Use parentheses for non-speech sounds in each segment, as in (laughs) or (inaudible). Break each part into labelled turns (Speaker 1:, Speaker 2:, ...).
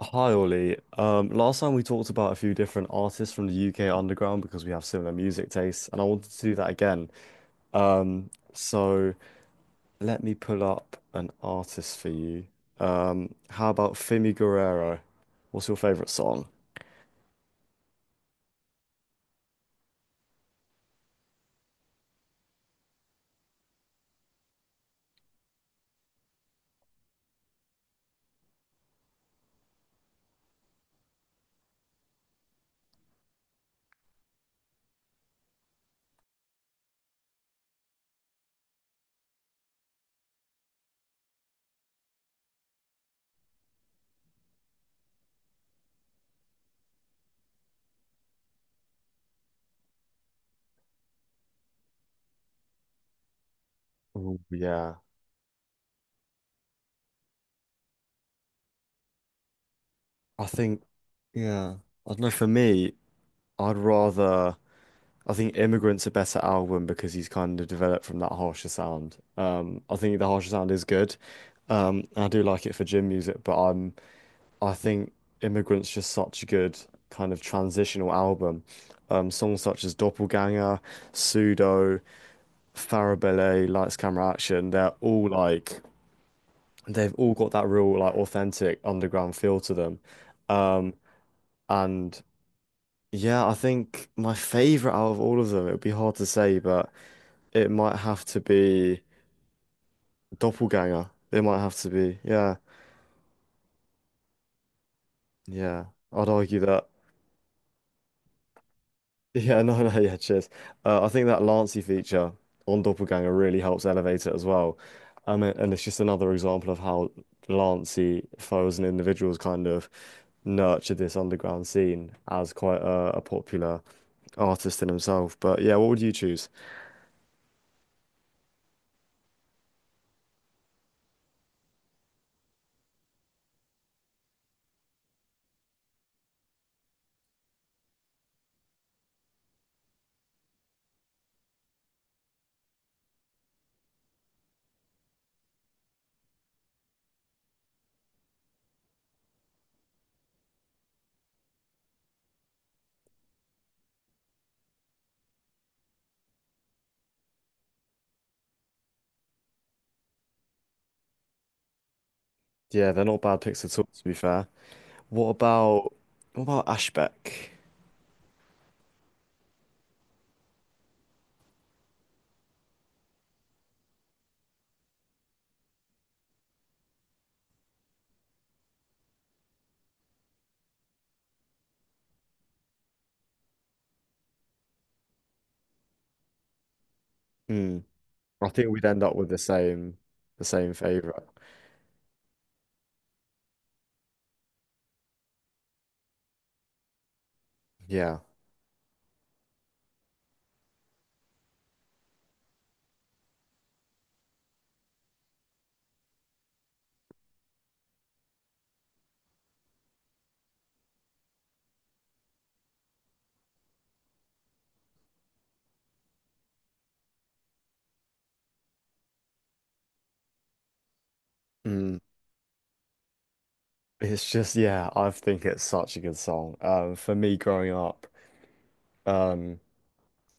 Speaker 1: Hi Ollie. Last time we talked about a few different artists from the UK underground because we have similar music tastes, and I wanted to do that again. Um, so let me pull up an artist for you. How about Fimi Guerrero? What's your favorite song? Oh yeah, I think yeah. I don't know. For me, I'd rather I think Immigrant's a better album because he's kind of developed from that harsher sound. I think the harsher sound is good. I do like it for gym music, but I think Immigrant's just such a good kind of transitional album. Songs such as Doppelganger, Pseudo, Farabelle, Lights, Camera, Action, they're all like, they've all got that real like authentic underground feel to them. Um, and yeah, I think my favorite out of all of them, it would be hard to say, but it might have to be Doppelganger. It might have to be, yeah, yeah. I'd argue that. Yeah, (laughs) no, no, yeah, cheers. I think that Lancy feature on Doppelganger really helps elevate it as well. And it's just another example of how Lancy foes and individuals kind of nurtured this underground scene as quite a popular artist in himself. But yeah, what would you choose? Yeah, they're not bad picks at all, to be fair. What about what about Ashbeck? Hmm. I think we'd end up with the same favorite. Yeah. Hmm. It's just yeah, I think it's such a good song. For me growing up, um,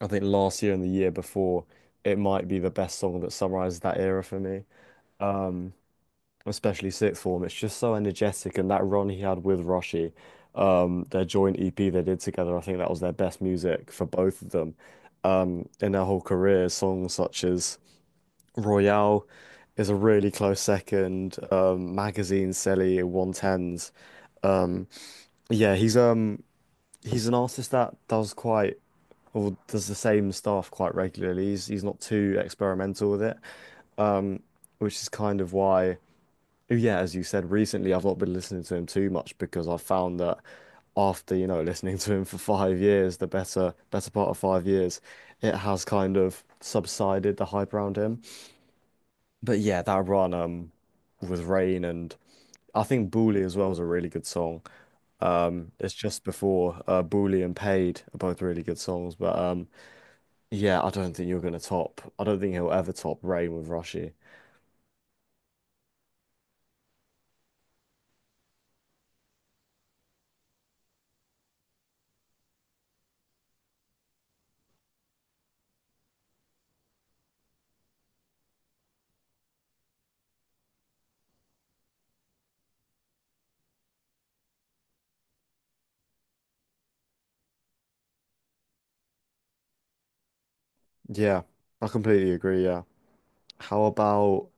Speaker 1: I think last year and the year before, it might be the best song that summarizes that era for me. Um, Especially sixth form, it's just so energetic, and that run he had with Roshi, their joint EP they did together, I think that was their best music for both of them. In their whole career, songs such as Royale is a really close second. Magazine, Selly, 110s. Yeah, he's an artist that does quite or does the same stuff quite regularly. He's not too experimental with it, which is kind of why, oh yeah, as you said, recently I've not been listening to him too much because I found that after, (laughs) listening to him for 5 years, the better part of 5 years, it has kind of subsided the hype around him. But yeah, that run with Rain and I think Bully as well is a really good song. It's just before Bully and Paid are both really good songs, but yeah, I don't think you're going to top. I don't think he'll ever top Rain with Rushy. Yeah, I completely agree. Yeah. How about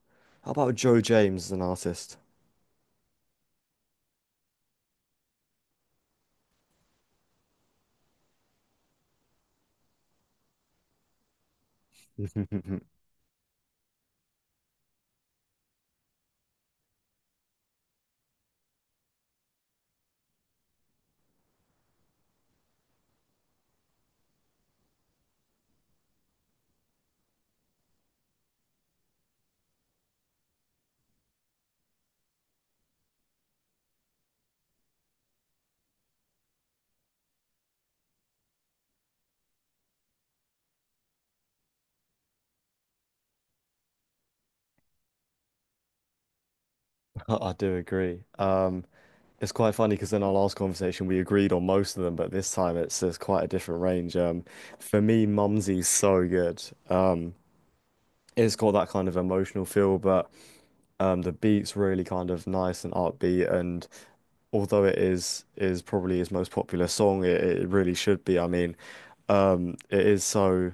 Speaker 1: how about Joe James as an artist? (laughs) I do agree. It's quite funny because in our last conversation we agreed on most of them, but this time it's there's quite a different range. For me, Mumsy's so good. Uh, it's got that kind of emotional feel, but the beat's really kind of nice and upbeat and although it is probably his most popular song, it really should be. I mean, it is so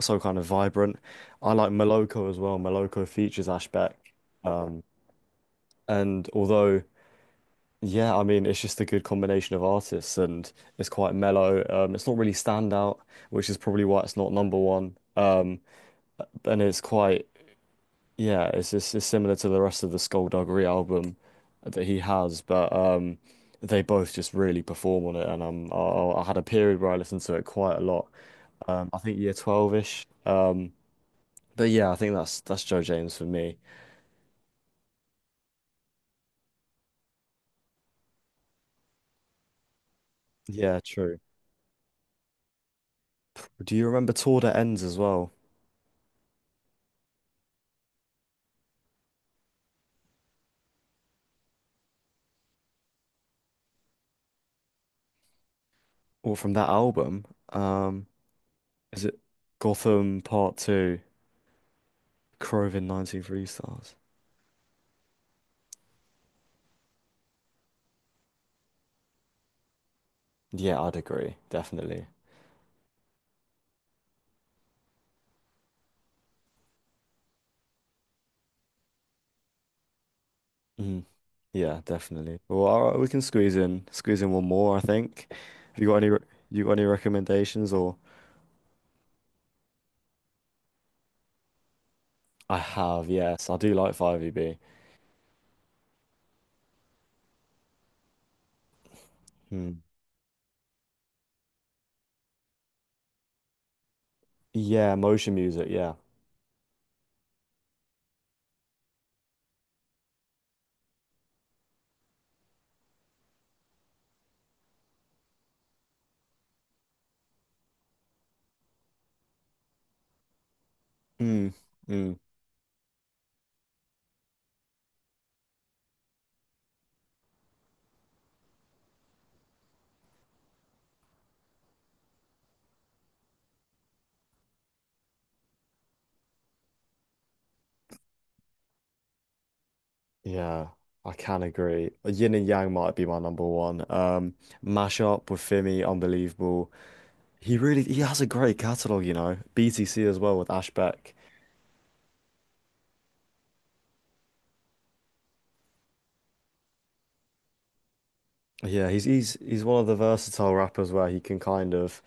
Speaker 1: so kind of vibrant. I like Moloko as well. Moloko features Ashbeck, and although yeah, I mean it's just a good combination of artists, and it's quite mellow. It's not really standout, which is probably why it's not number one. And it's quite yeah, it's just it's similar to the rest of the Skullduggery album that he has, but they both just really perform on it, and I had a period where I listened to it quite a lot. I think year 12-ish. But yeah, I think that's Joe James for me. Yeah, true. Do you remember Tour That Ends as well? Or from that album? Um, is it Gotham Part Two, Crovin 19 Three Stars? Yeah, I'd agree, definitely. Mhm. Yeah, definitely. Well, all right, we can squeeze in one more, I think. Have you got any you got any recommendations or? I have, yes. I do like 5EB. Mm. Yeah, motion music, yeah. Mm. Mm. Yeah, I can agree. Yin and Yang might be my number one. Mashup with Fimi, unbelievable. He has a great catalog, you know. BTC as well with Ashbeck. Yeah, he's one of the versatile rappers where he can kind of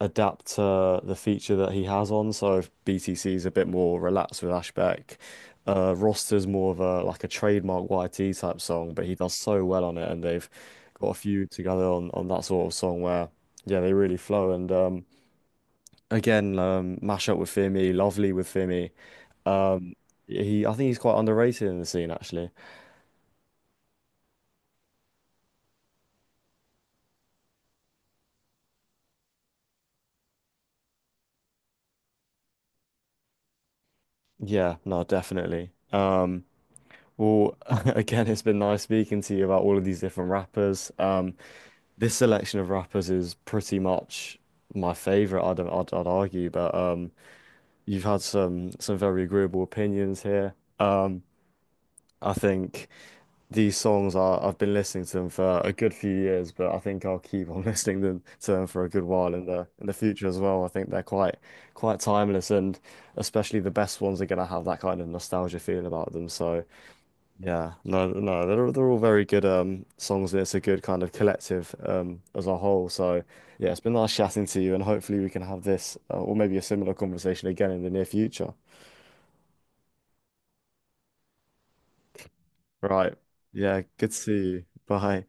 Speaker 1: adapt to the feature that he has on. So if BTC is a bit more relaxed with Ashbeck. Roster's more of a like a trademark YT type song, but he does so well on it, and they've got a few together on that sort of song where. Yeah, they really flow. And Again, mash up with Fimi, lovely with Fimi. Um, I think he's quite underrated in the scene, actually. Yeah, no, definitely. Well, (laughs) again, it's been nice speaking to you about all of these different rappers. This selection of rappers is pretty much my favorite, I'd argue, but you've had some very agreeable opinions here. I think. These songs are I've been listening to them for a good few years, but I think I'll keep on (laughs) listening them for a good while in the future as well. I think they're quite timeless and especially the best ones are gonna have that kind of nostalgia feel about them. So yeah, no, they're all very good songs and it's a good kind of collective as a whole. So yeah, it's been nice chatting to you and hopefully we can have this or maybe a similar conversation again in the near future. Right. Yeah, good to see you. Bye.